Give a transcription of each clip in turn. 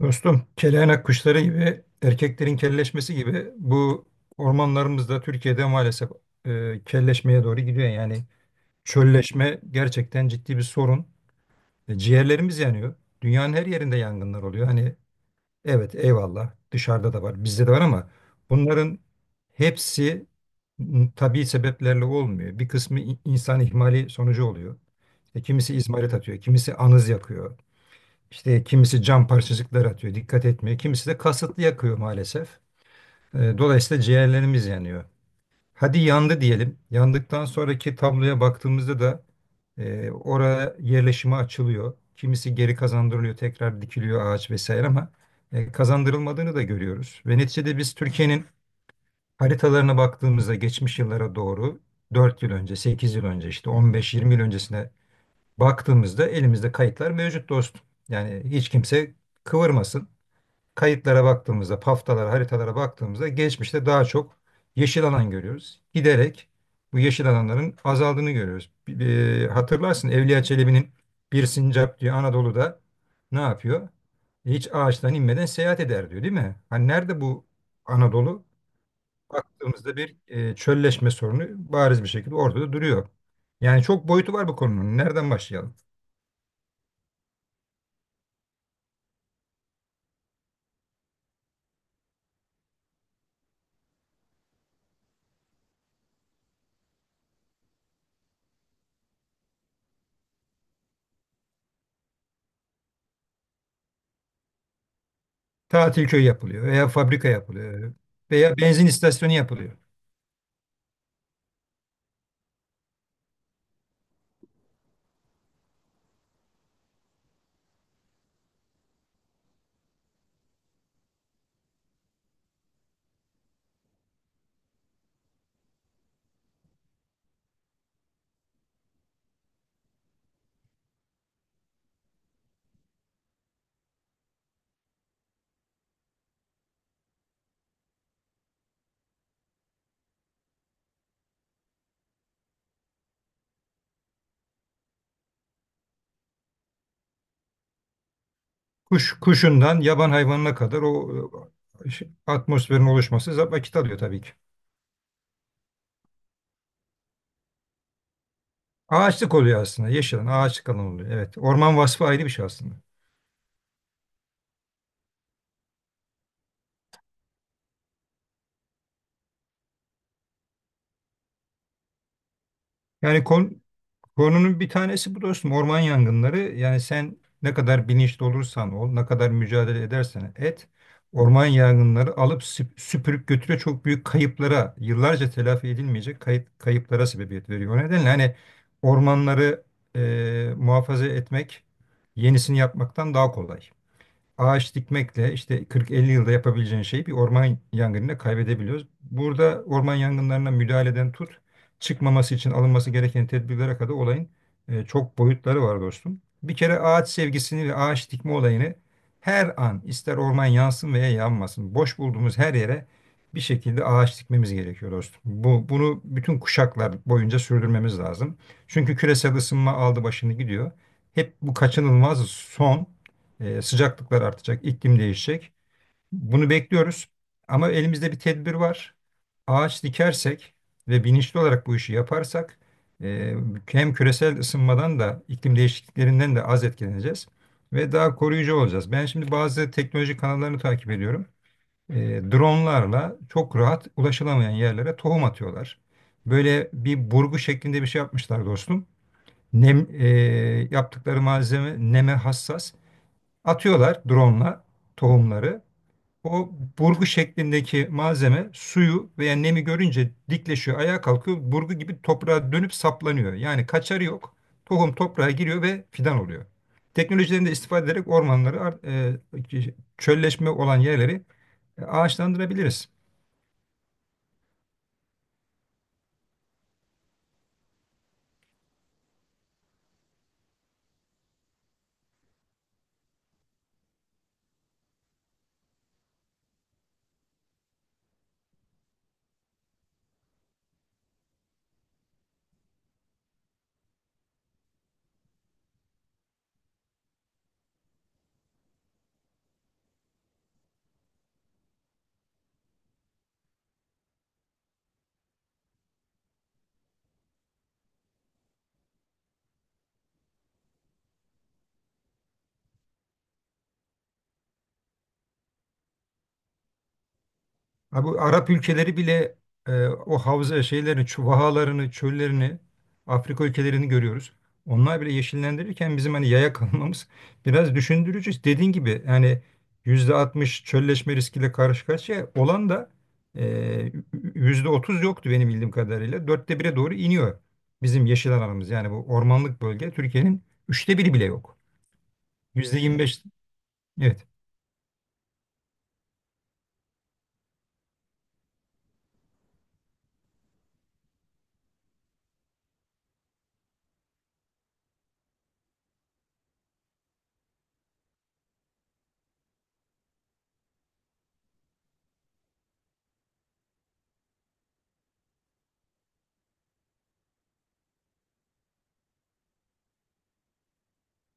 Dostum, keleynak kuşları gibi, erkeklerin kelleşmesi gibi bu ormanlarımız da Türkiye'de maalesef kelleşmeye doğru gidiyor. Yani çölleşme gerçekten ciddi bir sorun. Ciğerlerimiz yanıyor. Dünyanın her yerinde yangınlar oluyor. Hani evet, eyvallah, dışarıda da var, bizde de var ama bunların hepsi tabii sebeplerle olmuyor. Bir kısmı insan ihmali sonucu oluyor. Kimisi izmarit atıyor, kimisi anız yakıyor. İşte kimisi cam parçacıklar atıyor, dikkat etmiyor. Kimisi de kasıtlı yakıyor maalesef. Dolayısıyla ciğerlerimiz yanıyor. Hadi yandı diyelim. Yandıktan sonraki tabloya baktığımızda da oraya yerleşime açılıyor. Kimisi geri kazandırılıyor, tekrar dikiliyor ağaç vesaire ama kazandırılmadığını da görüyoruz. Ve neticede biz Türkiye'nin haritalarına baktığımızda geçmiş yıllara doğru 4 yıl önce, 8 yıl önce, işte 15, 20 yıl öncesine baktığımızda elimizde kayıtlar mevcut dostum. Yani hiç kimse kıvırmasın. Kayıtlara baktığımızda, paftalara, haritalara baktığımızda geçmişte daha çok yeşil alan görüyoruz. Giderek bu yeşil alanların azaldığını görüyoruz. Hatırlarsın, Evliya Çelebi'nin bir sincap diyor Anadolu'da ne yapıyor? Hiç ağaçtan inmeden seyahat eder diyor, değil mi? Hani nerede bu Anadolu? Baktığımızda bir çölleşme sorunu bariz bir şekilde ortada duruyor. Yani çok boyutu var bu konunun. Nereden başlayalım? Tatil köyü yapılıyor veya fabrika yapılıyor veya benzin istasyonu yapılıyor. Kuş kuşundan yaban hayvanına kadar o atmosferin oluşması vakit alıyor tabii ki. Ağaçlık oluyor aslında. Yeşil alan, ağaçlık alan oluyor. Evet. Orman vasfı ayrı bir şey aslında. Yani konunun bir tanesi bu dostum, orman yangınları. Yani sen ne kadar bilinçli olursan ol, ne kadar mücadele edersen et, orman yangınları alıp süpürüp götürüyor. Çok büyük kayıplara, yıllarca telafi edilmeyecek kayıplara sebebiyet veriyor. O nedenle hani ormanları muhafaza etmek yenisini yapmaktan daha kolay, ağaç dikmekle işte 40-50 yılda yapabileceğin şeyi bir orman yangınına kaybedebiliyoruz. Burada orman yangınlarına müdahaleden tut, çıkmaması için alınması gereken tedbirlere kadar olayın çok boyutları var dostum. Bir kere ağaç sevgisini ve ağaç dikme olayını her an, ister orman yansın veya yanmasın, boş bulduğumuz her yere bir şekilde ağaç dikmemiz gerekiyor dostum. Bunu bütün kuşaklar boyunca sürdürmemiz lazım. Çünkü küresel ısınma aldı başını gidiyor. Hep bu kaçınılmaz son. Sıcaklıklar artacak, iklim değişecek. Bunu bekliyoruz. Ama elimizde bir tedbir var. Ağaç dikersek ve bilinçli olarak bu işi yaparsak e, hem küresel ısınmadan da iklim değişikliklerinden de az etkileneceğiz ve daha koruyucu olacağız. Ben şimdi bazı teknoloji kanallarını takip ediyorum. E, Dronlarla çok rahat ulaşılamayan yerlere tohum atıyorlar. Böyle bir burgu şeklinde bir şey yapmışlar dostum. Nem, e, Yaptıkları malzeme neme hassas. Atıyorlar drone'la tohumları. O burgu şeklindeki malzeme suyu veya nemi görünce dikleşiyor, ayağa kalkıyor. Burgu gibi toprağa dönüp saplanıyor. Yani kaçarı yok. Tohum toprağa giriyor ve fidan oluyor. Teknolojilerini de istifade ederek ormanları, çölleşme olan yerleri ağaçlandırabiliriz. Ha, bu Arap ülkeleri bile o havza şeylerini, vahalarını, çöllerini, Afrika ülkelerini görüyoruz. Onlar bile yeşillendirirken bizim hani yaya kalmamız biraz düşündürücü. Dediğin gibi yani %60 çölleşme riskiyle karşı karşıya olan da e, %30 yoktu benim bildiğim kadarıyla. Dörtte bire doğru iniyor bizim yeşil alanımız. Yani bu ormanlık bölge Türkiye'nin üçte biri bile yok. Kesinlikle. %25, evet.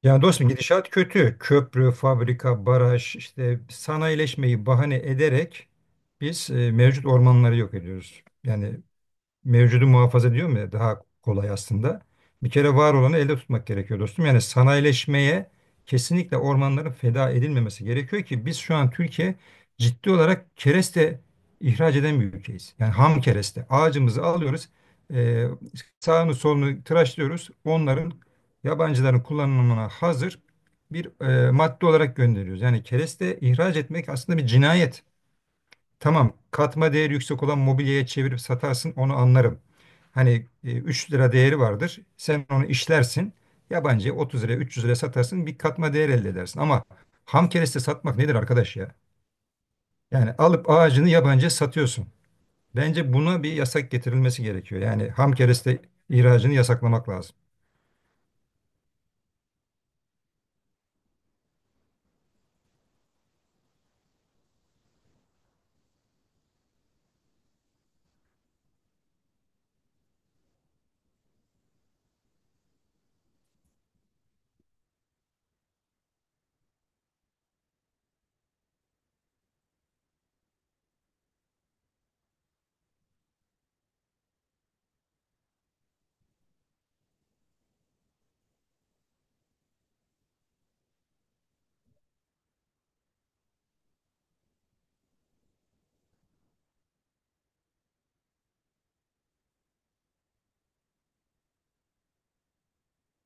Yani dostum, gidişat kötü. Köprü, fabrika, baraj, işte sanayileşmeyi bahane ederek biz mevcut ormanları yok ediyoruz. Yani mevcudu muhafaza diyorum ya, daha kolay aslında. Bir kere var olanı elde tutmak gerekiyor dostum. Yani sanayileşmeye kesinlikle ormanların feda edilmemesi gerekiyor ki biz şu an Türkiye ciddi olarak kereste ihraç eden bir ülkeyiz. Yani ham kereste. Ağacımızı alıyoruz, e, sağını solunu tıraşlıyoruz. Onların, yabancıların kullanımına hazır bir madde olarak gönderiyoruz. Yani kereste ihraç etmek aslında bir cinayet. Tamam, katma değeri yüksek olan mobilyaya çevirip satarsın, onu anlarım. Hani 3 lira değeri vardır. Sen onu işlersin. Yabancıya 30 liraya, 300 liraya satarsın, bir katma değer elde edersin. Ama ham kereste satmak nedir arkadaş ya? Yani alıp ağacını yabancıya satıyorsun. Bence buna bir yasak getirilmesi gerekiyor. Yani ham kereste ihracını yasaklamak lazım.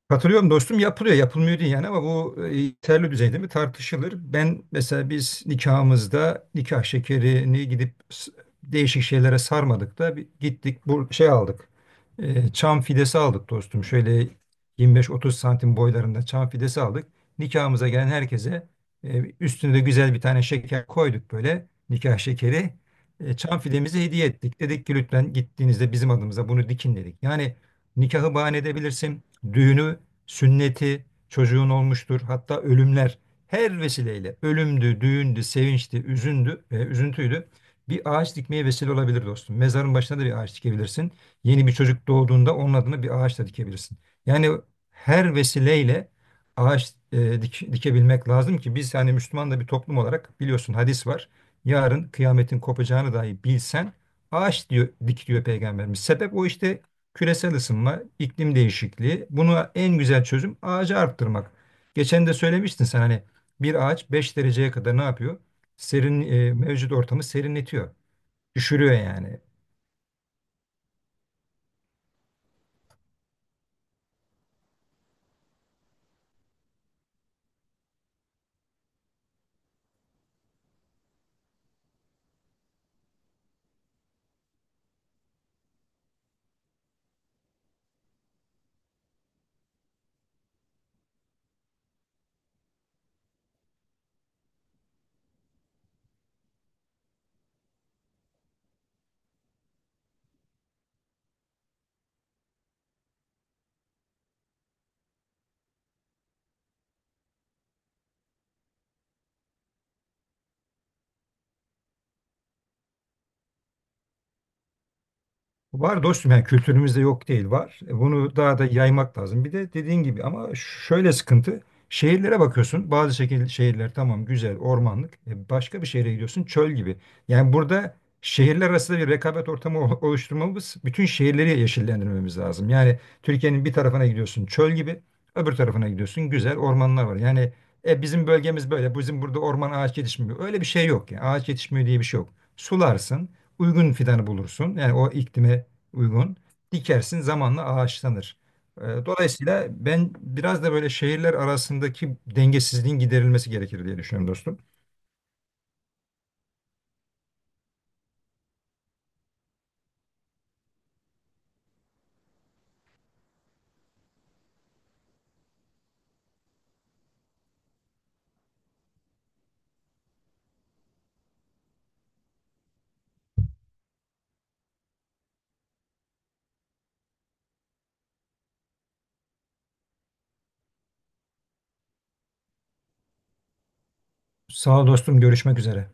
Katılıyorum dostum, yapılıyor yapılmıyor değil yani, ama bu yeterli düzeyde mi tartışılır. Ben mesela biz nikahımızda nikah şekerini gidip değişik şeylere sarmadık da bir gittik bu şey aldık. E, çam fidesi aldık dostum, şöyle 25-30 santim boylarında çam fidesi aldık. Nikahımıza gelen herkese üstüne de güzel bir tane şeker koyduk, böyle nikah şekeri. Çam fidemizi hediye ettik. Dedik ki lütfen gittiğinizde bizim adımıza bunu dikin dedik. Yani nikahı bahane edebilirsin. Düğünü, sünneti çocuğun olmuştur. Hatta ölümler, her vesileyle, ölümdü, düğündü, sevinçti, üzüntüydü. Bir ağaç dikmeye vesile olabilir dostum. Mezarın başına da bir ağaç dikebilirsin. Yeni bir çocuk doğduğunda onun adına bir ağaç da dikebilirsin. Yani her vesileyle ağaç dikebilmek lazım ki biz yani Müslüman da bir toplum olarak biliyorsun, hadis var. Yarın kıyametin kopacağını dahi bilsen ağaç diyor, dik diyor peygamberimiz. Sebep o işte, küresel ısınma, iklim değişikliği. Buna en güzel çözüm ağacı arttırmak. Geçen de söylemiştin sen, hani bir ağaç 5 dereceye kadar ne yapıyor? Serin, mevcut ortamı serinletiyor. Düşürüyor yani. Var dostum, yani kültürümüzde yok değil, var. Bunu daha da yaymak lazım. Bir de dediğin gibi ama şöyle sıkıntı. Şehirlere bakıyorsun. Bazı şehirler tamam, güzel ormanlık. Başka bir şehre gidiyorsun çöl gibi. Yani burada şehirler arasında bir rekabet ortamı oluşturmamız, bütün şehirleri yeşillendirmemiz lazım. Yani Türkiye'nin bir tarafına gidiyorsun çöl gibi, öbür tarafına gidiyorsun güzel ormanlar var. Yani bizim bölgemiz böyle. Bizim burada orman ağaç yetişmiyor. Öyle bir şey yok. Yani. Ağaç yetişmiyor diye bir şey yok. Sularsın, uygun fidanı bulursun. Yani o iklime uygun. Dikersin, zamanla ağaçlanır. Dolayısıyla ben biraz da böyle şehirler arasındaki dengesizliğin giderilmesi gerekir diye düşünüyorum dostum. Sağ ol dostum, görüşmek üzere.